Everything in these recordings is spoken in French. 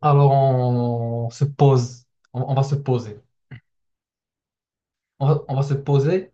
Alors, on se pose, on va se poser. On va se poser,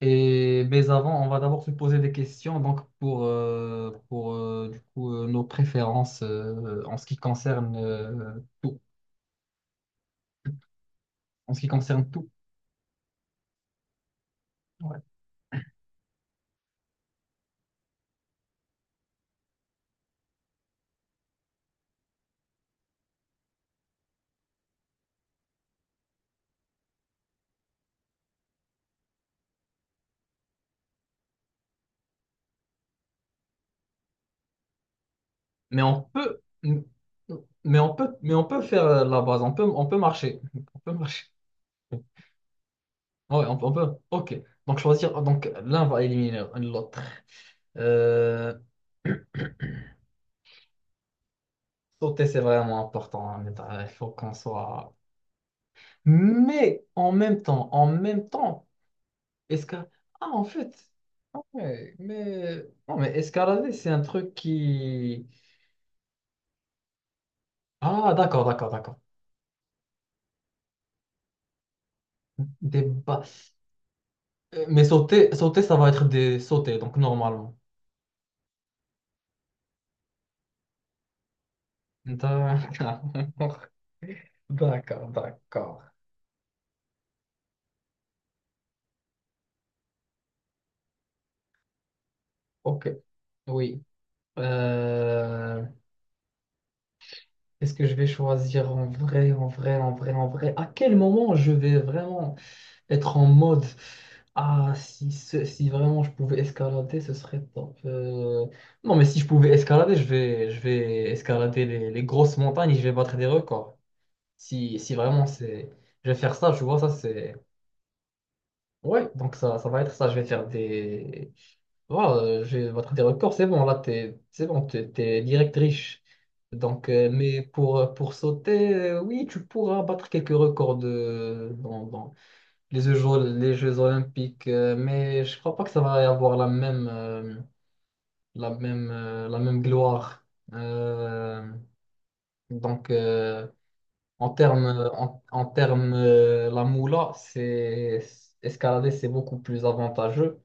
et, mais avant, on va d'abord se poser des questions donc pour nos préférences en ce qui concerne tout. En ce qui concerne tout. Ouais. Mais on peut, mais on peut, mais on peut faire la base, on peut marcher. On peut marcher. Ouais, on peut. Ok. Donc, choisir, donc l'un va éliminer l'autre. Euh, Sauter, c'est vraiment important, hein, mais il faut qu'on soit. Mais en même temps, escalade. Ah, en fait, ah ouais, mais non, mais escalader, c'est un truc qui. Ah, d'accord, d'accord, d'accord. Des ba- mais sauter, ça va être des sauter, donc normalement. D'accord, d'accord, d'accord. Ok, oui. Euh, Qu'est-ce que je vais choisir en vrai, en vrai? À quel moment je vais vraiment être en mode, ah, si, si vraiment je pouvais escalader, ce serait top. Non, mais si je pouvais escalader, je vais escalader les grosses montagnes et je vais battre des records. Si, si vraiment c'est... Je vais faire ça, tu vois, ça c'est... Ouais, donc ça va être ça, je vais faire des... Voilà, je vais battre des records, c'est bon, là, t'es, c'est bon, t'es direct riche. Donc, mais pour sauter, oui, tu pourras battre quelques records dans les Jeux Olympiques, mais je crois pas que ça va y avoir la même gloire. Euh, donc en termes, la moula, c'est escalader, c'est beaucoup plus avantageux.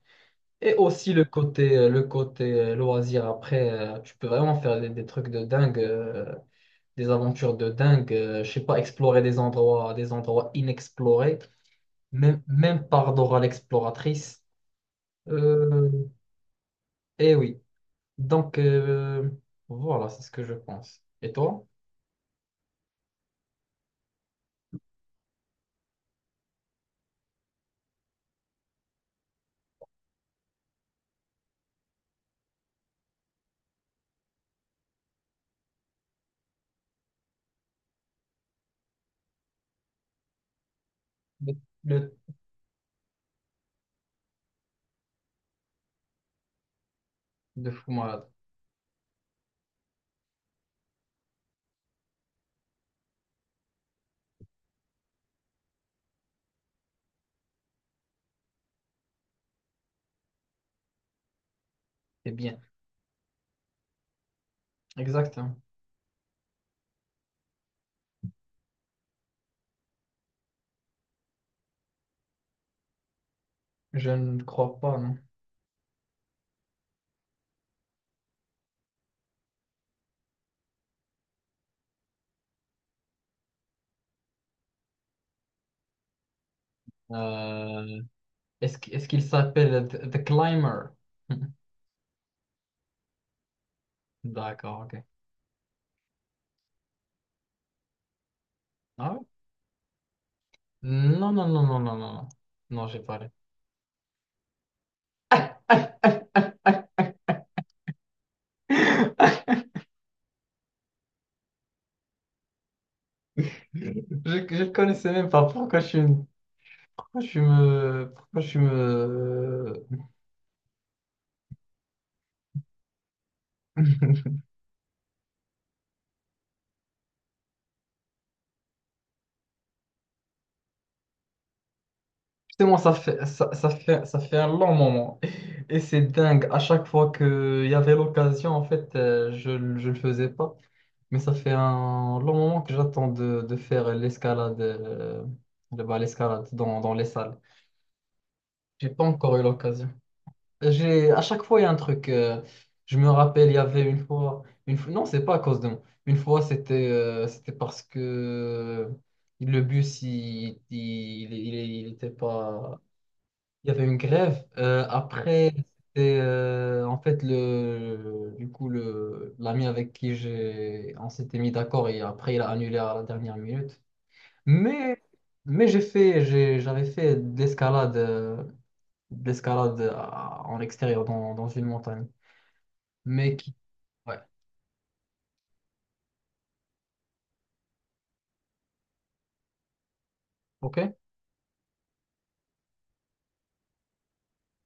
Et aussi le côté loisir. Après, tu peux vraiment faire des trucs de dingue, des aventures de dingue. Je sais pas, explorer des endroits inexplorés, même, même par Dora l'exploratrice. Euh, eh oui. Donc, voilà, c'est ce que je pense. Et toi? Le, le, le fou malade. C'est bien. Exact, hein. Je ne crois pas, non. Euh, Est-ce qu'il s'appelle The Climber? D'accord, ok. Ah ouais? Non, non, non, non, non, non. Non, non, j'ai pas. Je, je le connaissais même pas. Pourquoi je suis me, Justement, ça fait un long moment. Et c'est dingue. À chaque fois qu'il y avait l'occasion, en fait, je ne le faisais pas. Mais ça fait un long moment que j'attends de faire l'escalade, bah, l'escalade dans les salles. J'ai pas encore eu l'occasion. J'ai, à chaque fois, il y a un truc. Je me rappelle, il y avait une fois, non, c'est pas à cause de moi. Une fois, c'était c'était parce que le bus, il était pas, il y avait une grève. Après, c'était en fait le, du coup le l'ami avec qui j'ai, on s'était mis d'accord et après il a annulé à la dernière minute. Mais mais j'ai fait, j'avais fait de l'escalade en extérieur dans une montagne. Mais qui, ouais, ok.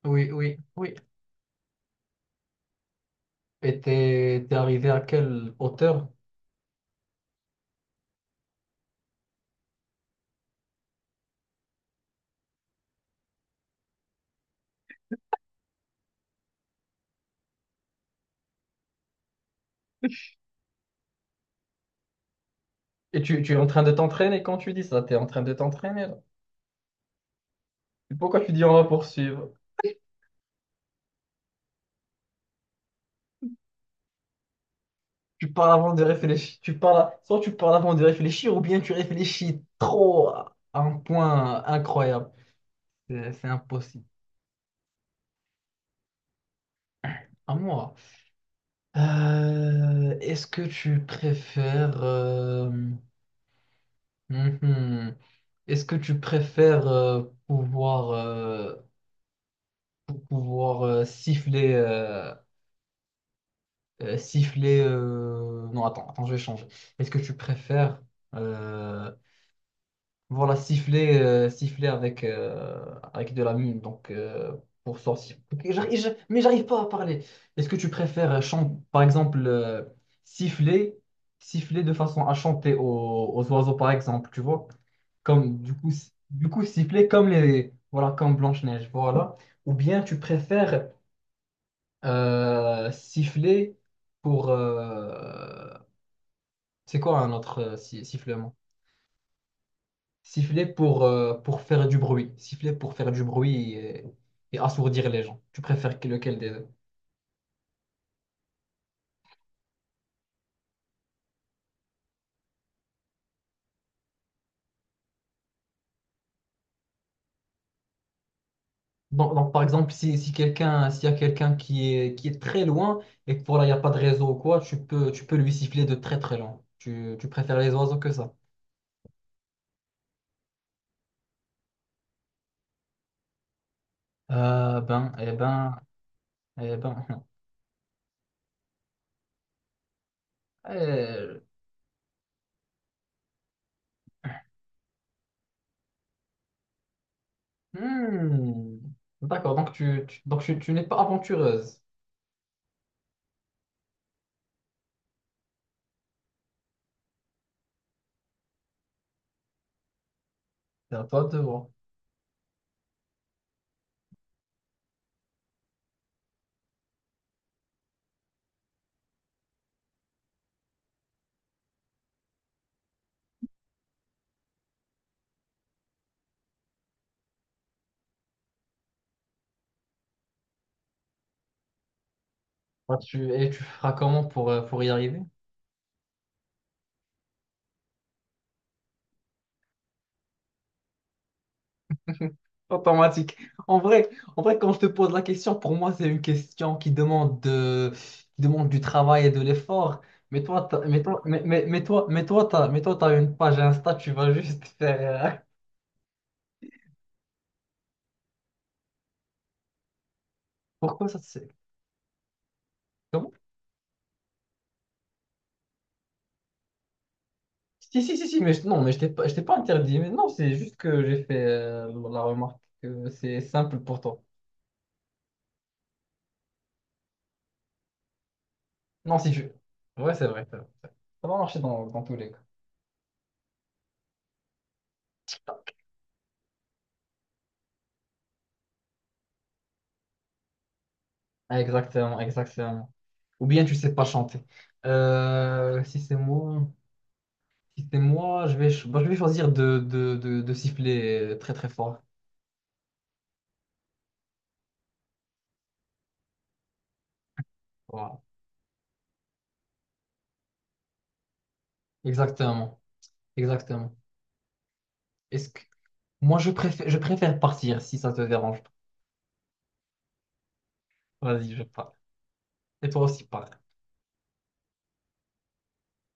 Oui, oui, oui. Et t'es arrivé à quelle hauteur? Et tu es en train de t'entraîner quand tu dis ça, t'es en train de t'entraîner là. Pourquoi tu dis on va poursuivre? Tu parles avant de réfléchir. Tu parles, soit tu parles avant de réfléchir, ou bien tu réfléchis trop à un point incroyable. C'est impossible. À moi. Est-ce que tu préfères. Mhm. Est-ce que tu préfères pouvoir, euh, pouvoir siffler. Siffler. Non, attends, attends, je vais changer. Est-ce que tu préfères. euh, Voilà, siffler, siffler avec, avec de la mine, donc pour sortir. Ok, mais j'arrive pas à parler. Est-ce que tu préfères par exemple, siffler, siffler de façon à chanter aux oiseaux, par exemple, tu vois? Comme, du coup, si- Du coup, siffler comme les, voilà, comme Blanche-Neige, voilà. Ou bien tu préfères siffler pour, c'est quoi un autre sifflement? Siffler pour faire du bruit. Siffler pour faire du bruit et assourdir les gens. Tu préfères lequel des deux? Donc, par exemple, si, si quelqu'un, s'il y a quelqu'un qui est très loin et que voilà, il n'y a pas de réseau ou quoi, tu peux lui siffler de très très loin. Tu préfères les oiseaux que ça? Euh, ben, eh ben, eh ben. euh, hmm. D'accord, donc tu n'es pas aventureuse. T'as pas de devoir. Et tu feras comment pour y arriver? Automatique. En vrai, En vrai, quand je te pose la question, pour moi, c'est une question qui demande qui demande du travail et de l'effort. Mais toi, t'as- mais toi, t'as une page Insta, tu vas juste faire. Pourquoi ça, c'est comment? Si, non, mais je t'ai pas interdit. Mais non, c'est juste que j'ai fait la remarque que c'est simple pour toi. Non, si tu. Ouais, c'est vrai, c'est vrai. Ça va marcher dans tous les cas. Exactement, exactement. Ou bien tu sais pas chanter. Si c'est moi, si c'est moi, bah, je vais choisir de siffler très très fort. Voilà. Exactement. Exactement. Est-ce que moi je préfère partir si ça te dérange. Pas. Vas-y, je pars. Et toi aussi, pars.